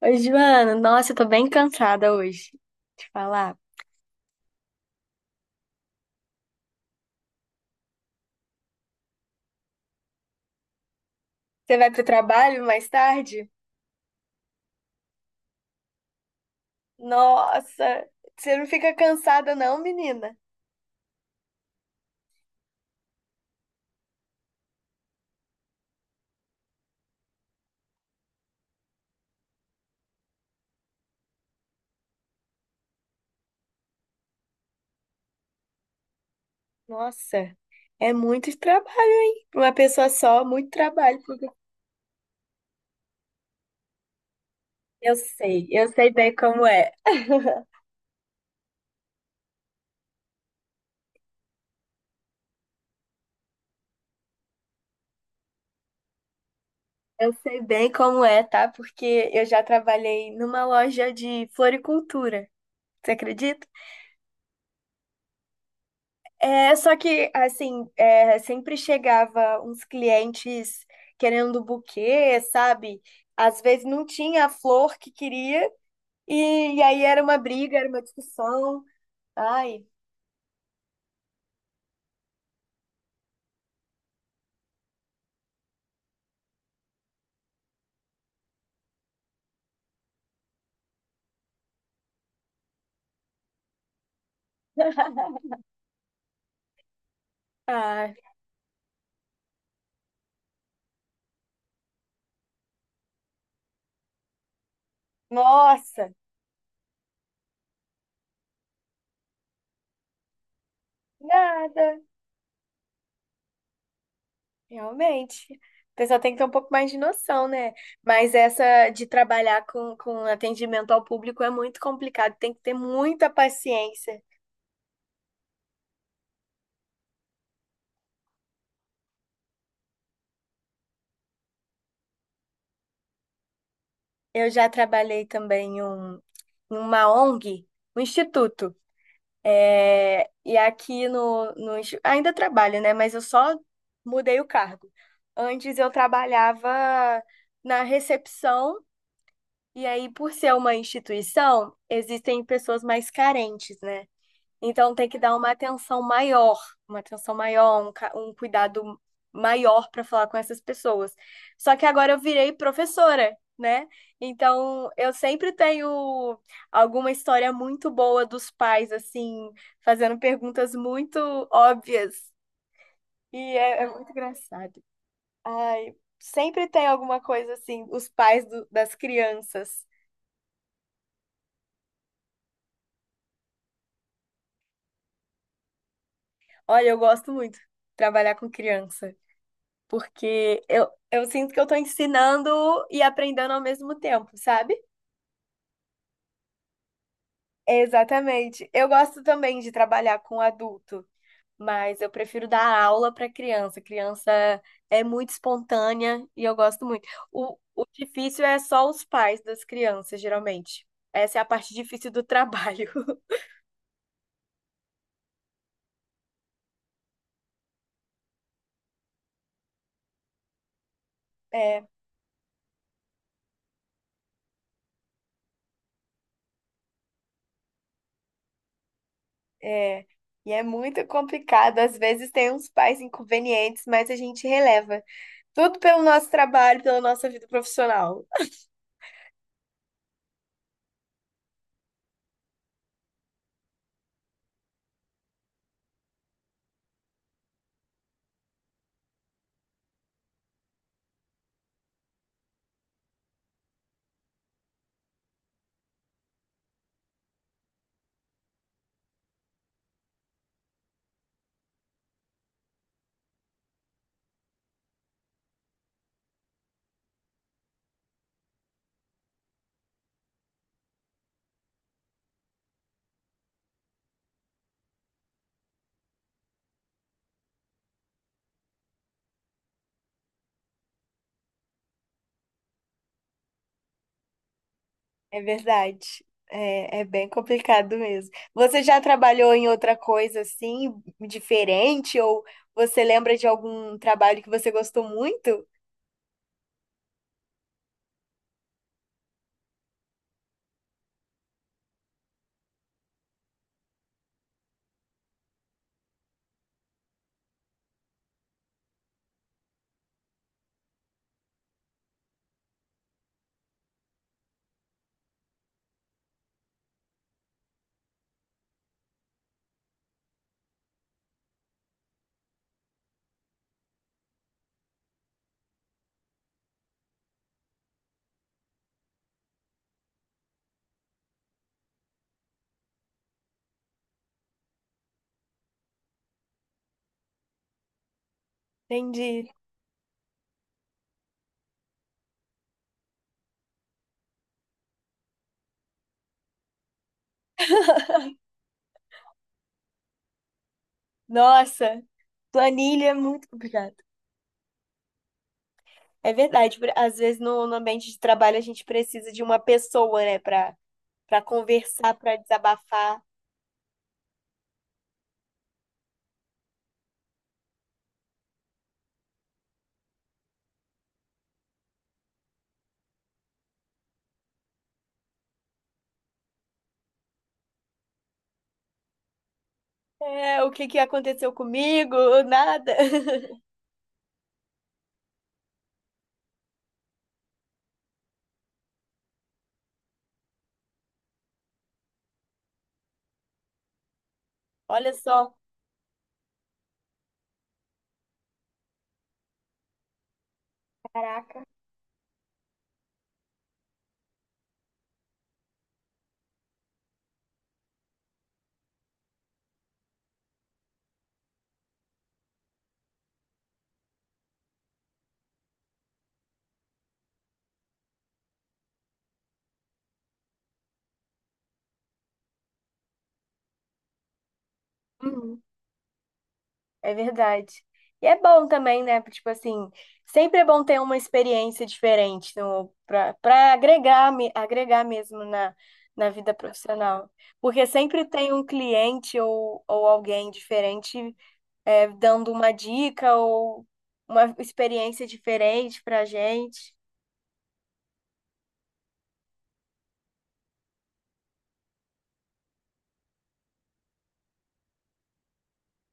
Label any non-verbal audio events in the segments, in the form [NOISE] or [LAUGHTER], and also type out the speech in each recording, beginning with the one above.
Oi, Joana. Nossa, eu tô bem cansada hoje de falar. Você vai pro trabalho mais tarde? Nossa, você não fica cansada não, menina? Nossa, é muito trabalho, hein? Pra Uma pessoa só, muito trabalho. Eu sei, bem como é. Eu sei bem como é, tá? Porque eu já trabalhei numa loja de floricultura. Você acredita? É, só que, assim, é, sempre chegava uns clientes querendo buquê, sabe? Às vezes não tinha a flor que queria, e aí era uma briga, era uma discussão. Ai, ai, nossa, nada, realmente. A pessoa tem que ter um pouco mais de noção, né? Mas essa de trabalhar com atendimento ao público é muito complicado, tem que ter muita paciência. Eu já trabalhei também em uma ONG, um instituto. É, e aqui no, ainda trabalho, né? Mas eu só mudei o cargo. Antes eu trabalhava na recepção, e aí, por ser uma instituição, existem pessoas mais carentes, né? Então tem que dar uma atenção maior, um cuidado maior para falar com essas pessoas. Só que agora eu virei professora, né? Então eu sempre tenho alguma história muito boa dos pais, assim, fazendo perguntas muito óbvias. É muito engraçado. Ai, sempre tem alguma coisa assim, das crianças. Olha, eu gosto muito de trabalhar com criança. Porque eu sinto que eu tô ensinando e aprendendo ao mesmo tempo, sabe? Exatamente. Eu gosto também de trabalhar com adulto, mas eu prefiro dar aula para criança. Criança é muito espontânea e eu gosto muito. O difícil é só os pais das crianças, geralmente. Essa é a parte difícil do trabalho. [LAUGHS] É, é. E é muito complicado. Às vezes tem uns pais inconvenientes, mas a gente releva. Tudo pelo nosso trabalho, pela nossa vida profissional. É verdade. É bem complicado mesmo. Você já trabalhou em outra coisa assim, diferente? Ou você lembra de algum trabalho que você gostou muito? Entendi. [LAUGHS] Nossa, planilha é muito complicado. É verdade, por- às vezes no, no ambiente de trabalho a gente precisa de uma pessoa, né, para conversar, para desabafar. É, o que que aconteceu comigo? Nada. [LAUGHS] Olha só. Caraca. É verdade. E é bom também, né? Tipo assim, sempre é bom ter uma experiência diferente no, pra, pra agregar, agregar mesmo na vida profissional. Porque sempre tem um cliente ou alguém diferente é, dando uma dica ou uma experiência diferente pra gente.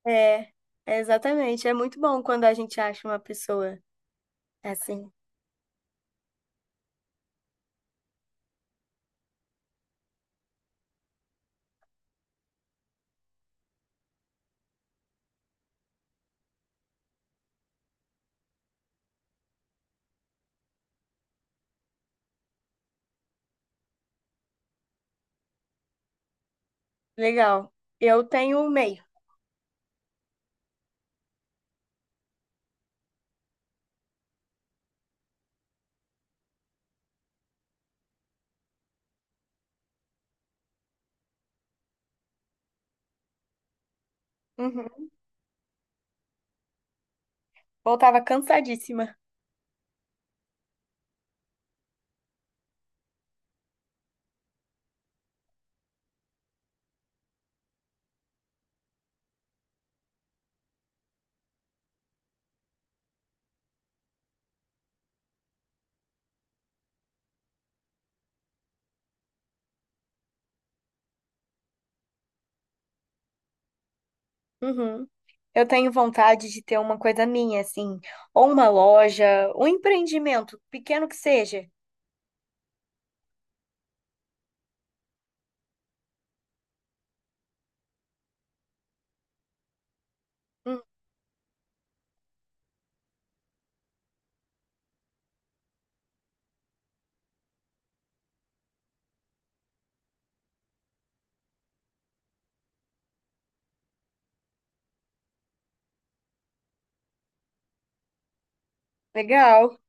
É, exatamente. É muito bom quando a gente acha uma pessoa assim. Legal. Eu tenho o meio. Uhum. Voltava cansadíssima. Uhum. Eu tenho vontade de ter uma coisa minha, assim, ou uma loja, um empreendimento, pequeno que seja. Hum, legal,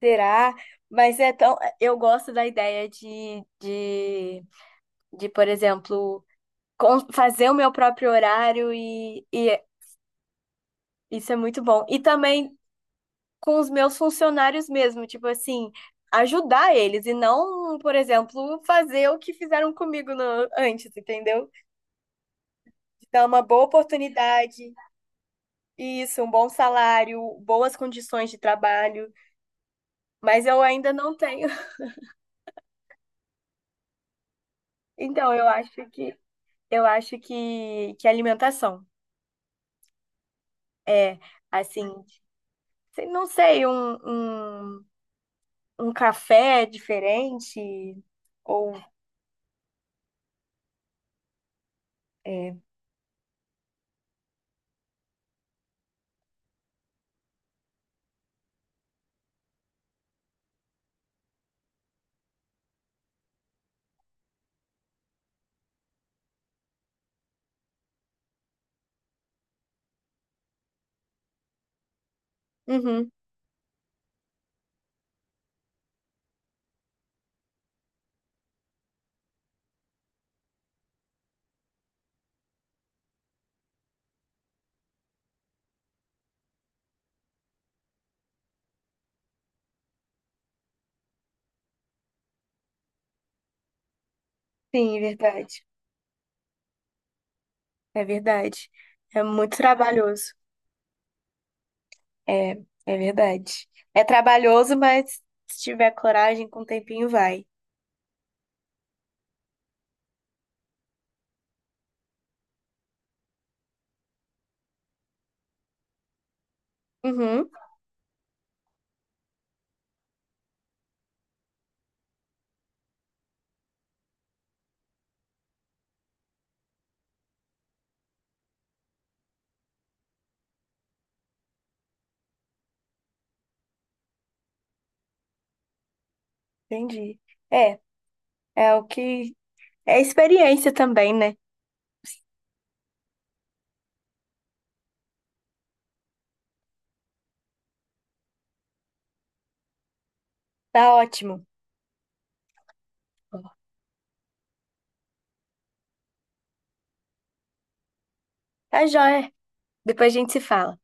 será? Mas é tão. Eu gosto da ideia de De, por exemplo, fazer o meu próprio horário e isso é muito bom. E também com os meus funcionários mesmo, tipo assim, ajudar eles e não, por exemplo, fazer o que fizeram comigo antes, entendeu? Dar uma boa oportunidade, isso, um bom salário, boas condições de trabalho, mas eu ainda não tenho. [LAUGHS] Então, eu acho que alimentação é assim, não sei, um café diferente, ou é, uhum, sim, é verdade. É muito trabalhoso, é, é verdade. É trabalhoso, mas se tiver coragem, com o tempinho vai. Uhum, entendi. É, é o que é experiência também, né? Tá ótimo. Tá jóia. Depois a gente se fala.